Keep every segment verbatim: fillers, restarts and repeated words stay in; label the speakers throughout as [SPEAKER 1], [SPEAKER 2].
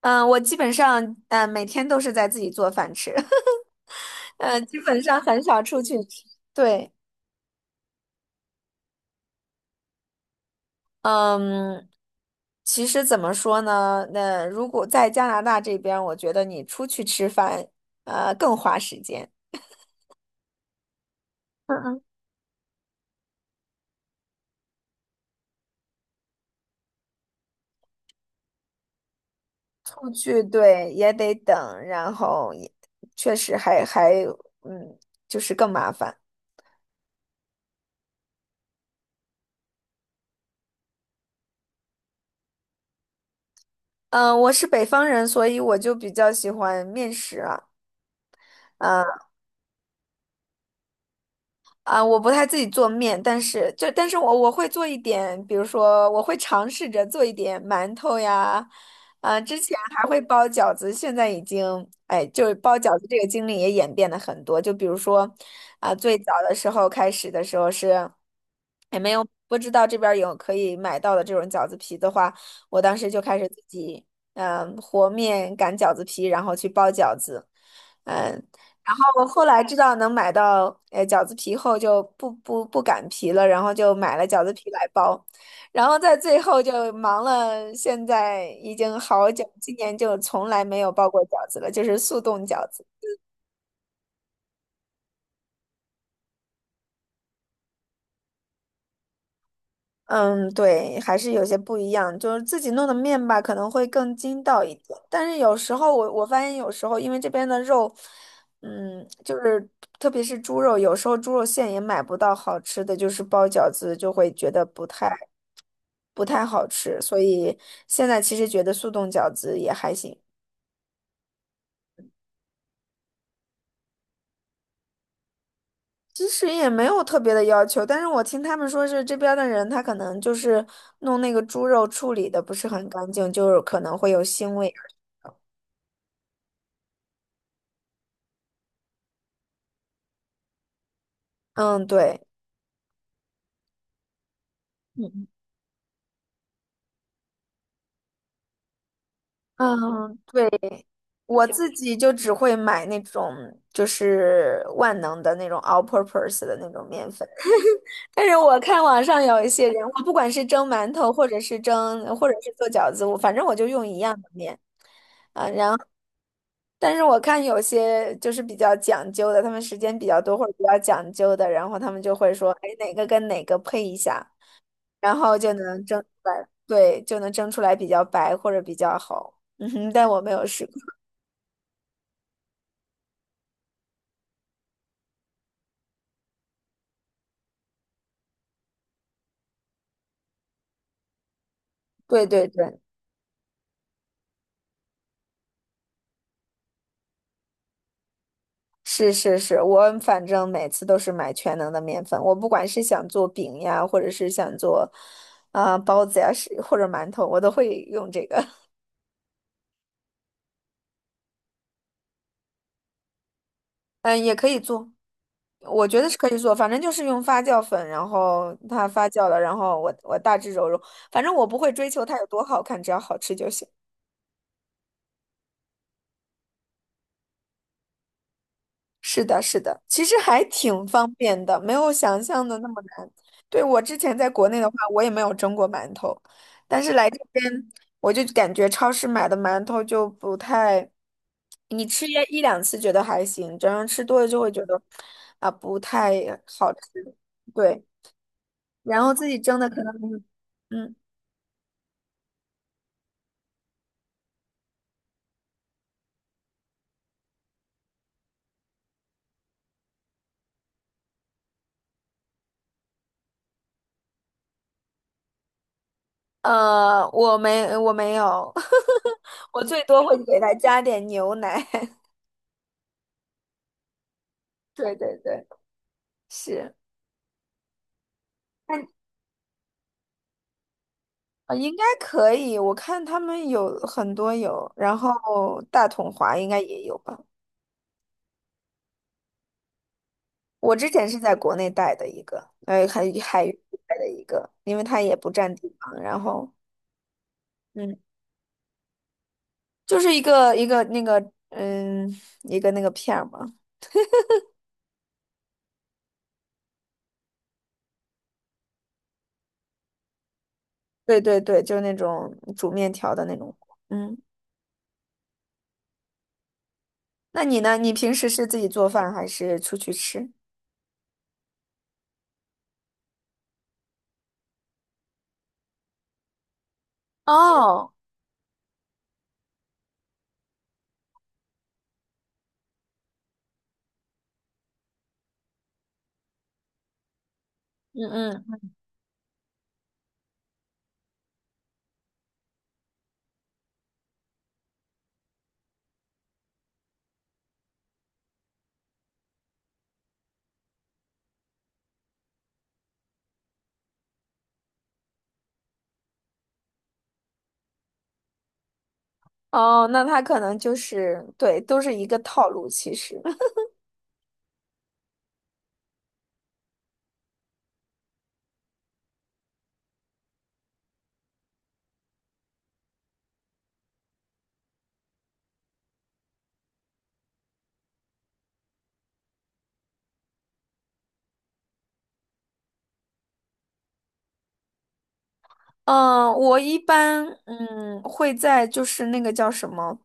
[SPEAKER 1] 嗯，我基本上嗯每天都是在自己做饭吃，嗯，基本上很少出去吃，对。嗯，其实怎么说呢？那如果在加拿大这边，我觉得你出去吃饭，呃，更花时间。嗯嗯，出去对也得等，然后也确实还还，嗯，就是更麻烦。嗯，我是北方人，所以我就比较喜欢面食啊。呃啊，我不太自己做面，但是就但是我我会做一点，比如说我会尝试着做一点馒头呀。啊，之前还会包饺子，现在已经哎，就是包饺子这个经历也演变了很多。就比如说，啊，最早的时候开始的时候是，也没有不知道这边儿有可以买到的这种饺子皮的话，我当时就开始自己嗯和面擀饺子皮，然后去包饺子。嗯。然后后来知道能买到呃饺子皮后，就不不不擀皮了，然后就买了饺子皮来包，然后在最后就忙了，现在已经好久，今年就从来没有包过饺子了，就是速冻饺子。嗯，对，还是有些不一样，就是自己弄的面吧，可能会更筋道一点，但是有时候我我发现有时候因为这边的肉，嗯，就是特别是猪肉，有时候猪肉馅也买不到好吃的，就是包饺子就会觉得不太。不太好吃，所以现在其实觉得速冻饺子也还行。其实也没有特别的要求。但是我听他们说是这边儿的人，他可能就是弄那个猪肉处理的不是很干净，就是可能会有腥味。嗯，对。嗯，对，我自己就只会买那种就是万能的那种 all-purpose 的那种面粉。但是我看网上有一些人，我不管是蒸馒头，或者是蒸，或者是做饺子，我反正我就用一样的面。但是我看有些就是比较讲究的，他们时间比较多或者比较讲究的，然后他们就会说，哎，哪个跟哪个配一下，然后就能蒸出来。对，就能蒸出来比较白或者比较好。嗯哼，但我没有试过。对对对，是是是，我反正每次都是买全能的面粉，我不管是想做饼呀，或者是想做啊、呃包子呀，是或者馒头，我都会用这个。嗯，也可以做。我觉得是可以做，反正就是用发酵粉，然后它发酵了，然后我我大致揉揉，反正我不会追求它有多好看，只要好吃就行。是的，是的，其实还挺方便的，没有想象的那么难。对，我之前在国内的话，我也没有蒸过馒头，但是来这边我就感觉超市买的馒头就不太，你吃一一两次觉得还行，这样吃多了就会觉得啊不太好吃。对，然后自己蒸的可能嗯。呃，我没我没有，我最多会给他加点牛奶。对对对，是。那呃应该可以。我看他们有很多有，然后大统华应该也有吧。我之前是在国内带的一个，呃，海海域带的一个，因为它也不占地方，然后嗯，就是一个一个那个嗯一个那个片儿嘛。对对对，就是那种煮面条的那种。嗯。那你呢？你平时是自己做饭还是出去吃？哦，嗯嗯。哦，那他可能就是对，都是一个套路。其实，嗯，我一般嗯会在就是那个叫什么，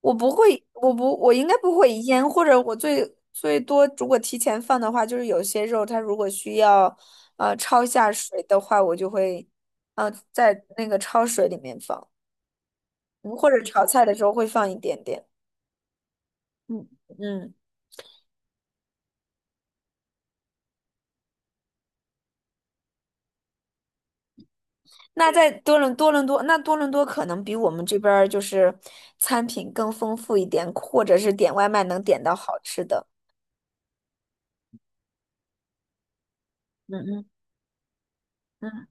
[SPEAKER 1] 我不会，我不，我应该不会腌，或者我最最多如果提前放的话，就是有些肉它如果需要呃焯一下水的话，我就会呃在那个焯水里面放，嗯或者炒菜的时候会放一点点。嗯嗯。那在多伦多伦多，那多伦多可能比我们这边儿就是餐品更丰富一点，或者是点外卖能点到好吃的。嗯嗯嗯。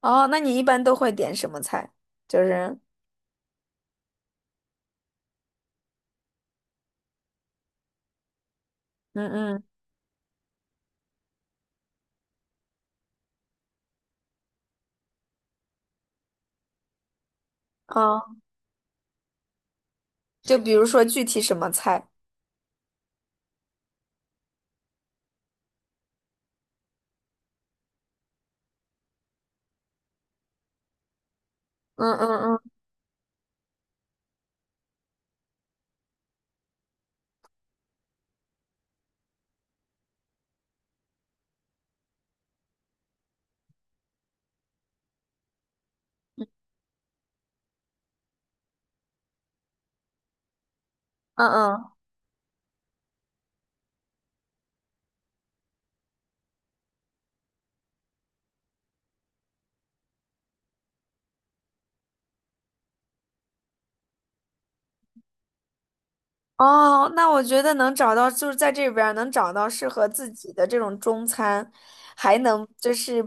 [SPEAKER 1] 哦，那你一般都会点什么菜？就是嗯嗯哦，就比如说具体什么菜？嗯嗯嗯嗯嗯。哦，那我觉得能找到，就是在这边儿能找到适合自己的这种中餐，还能就是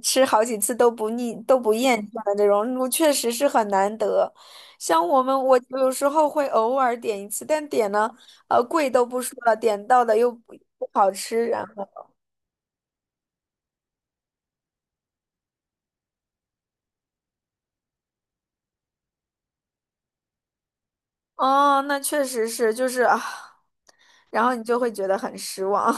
[SPEAKER 1] 吃好几次都不腻、都不厌倦的这种，我确实是很难得。像我们，我有时候会偶尔点一次，但点呢，呃，贵都不说了，点到的又不不好吃，然后哦，那确实是，就是啊，然后你就会觉得很失望。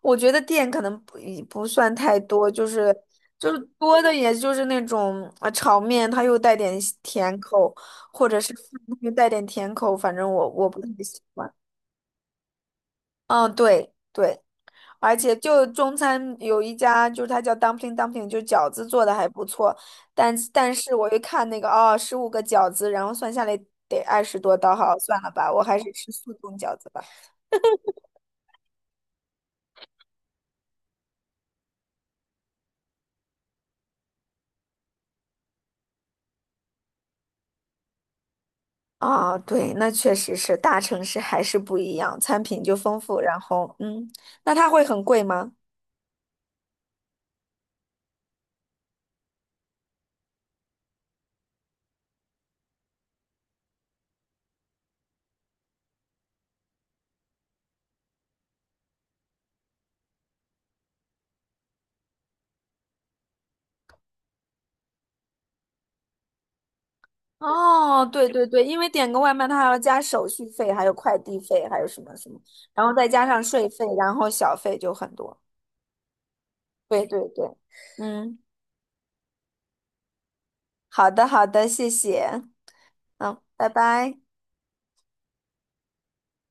[SPEAKER 1] 我觉得店可能不不算太多，就是就是多的，也就是那种啊炒面，它又带点西甜口，或者是饭又带点甜口，反正我我不太喜欢。嗯，对对，而且就中餐有一家，就是它叫 dumpling dumpling,就饺子做的还不错，但但是我一看那个哦，十五个饺子，然后算下来得二十多刀。好，算了吧，我还是吃速冻饺子吧。啊，对，那确实是大城市还是不一样，餐品就丰富，然后嗯，那它会很贵吗？哦，对对对，因为点个外卖，它还要加手续费，还有快递费，还有什么什么，然后再加上税费，然后小费就很多。对对对，嗯，好的好的，谢谢，嗯，拜拜。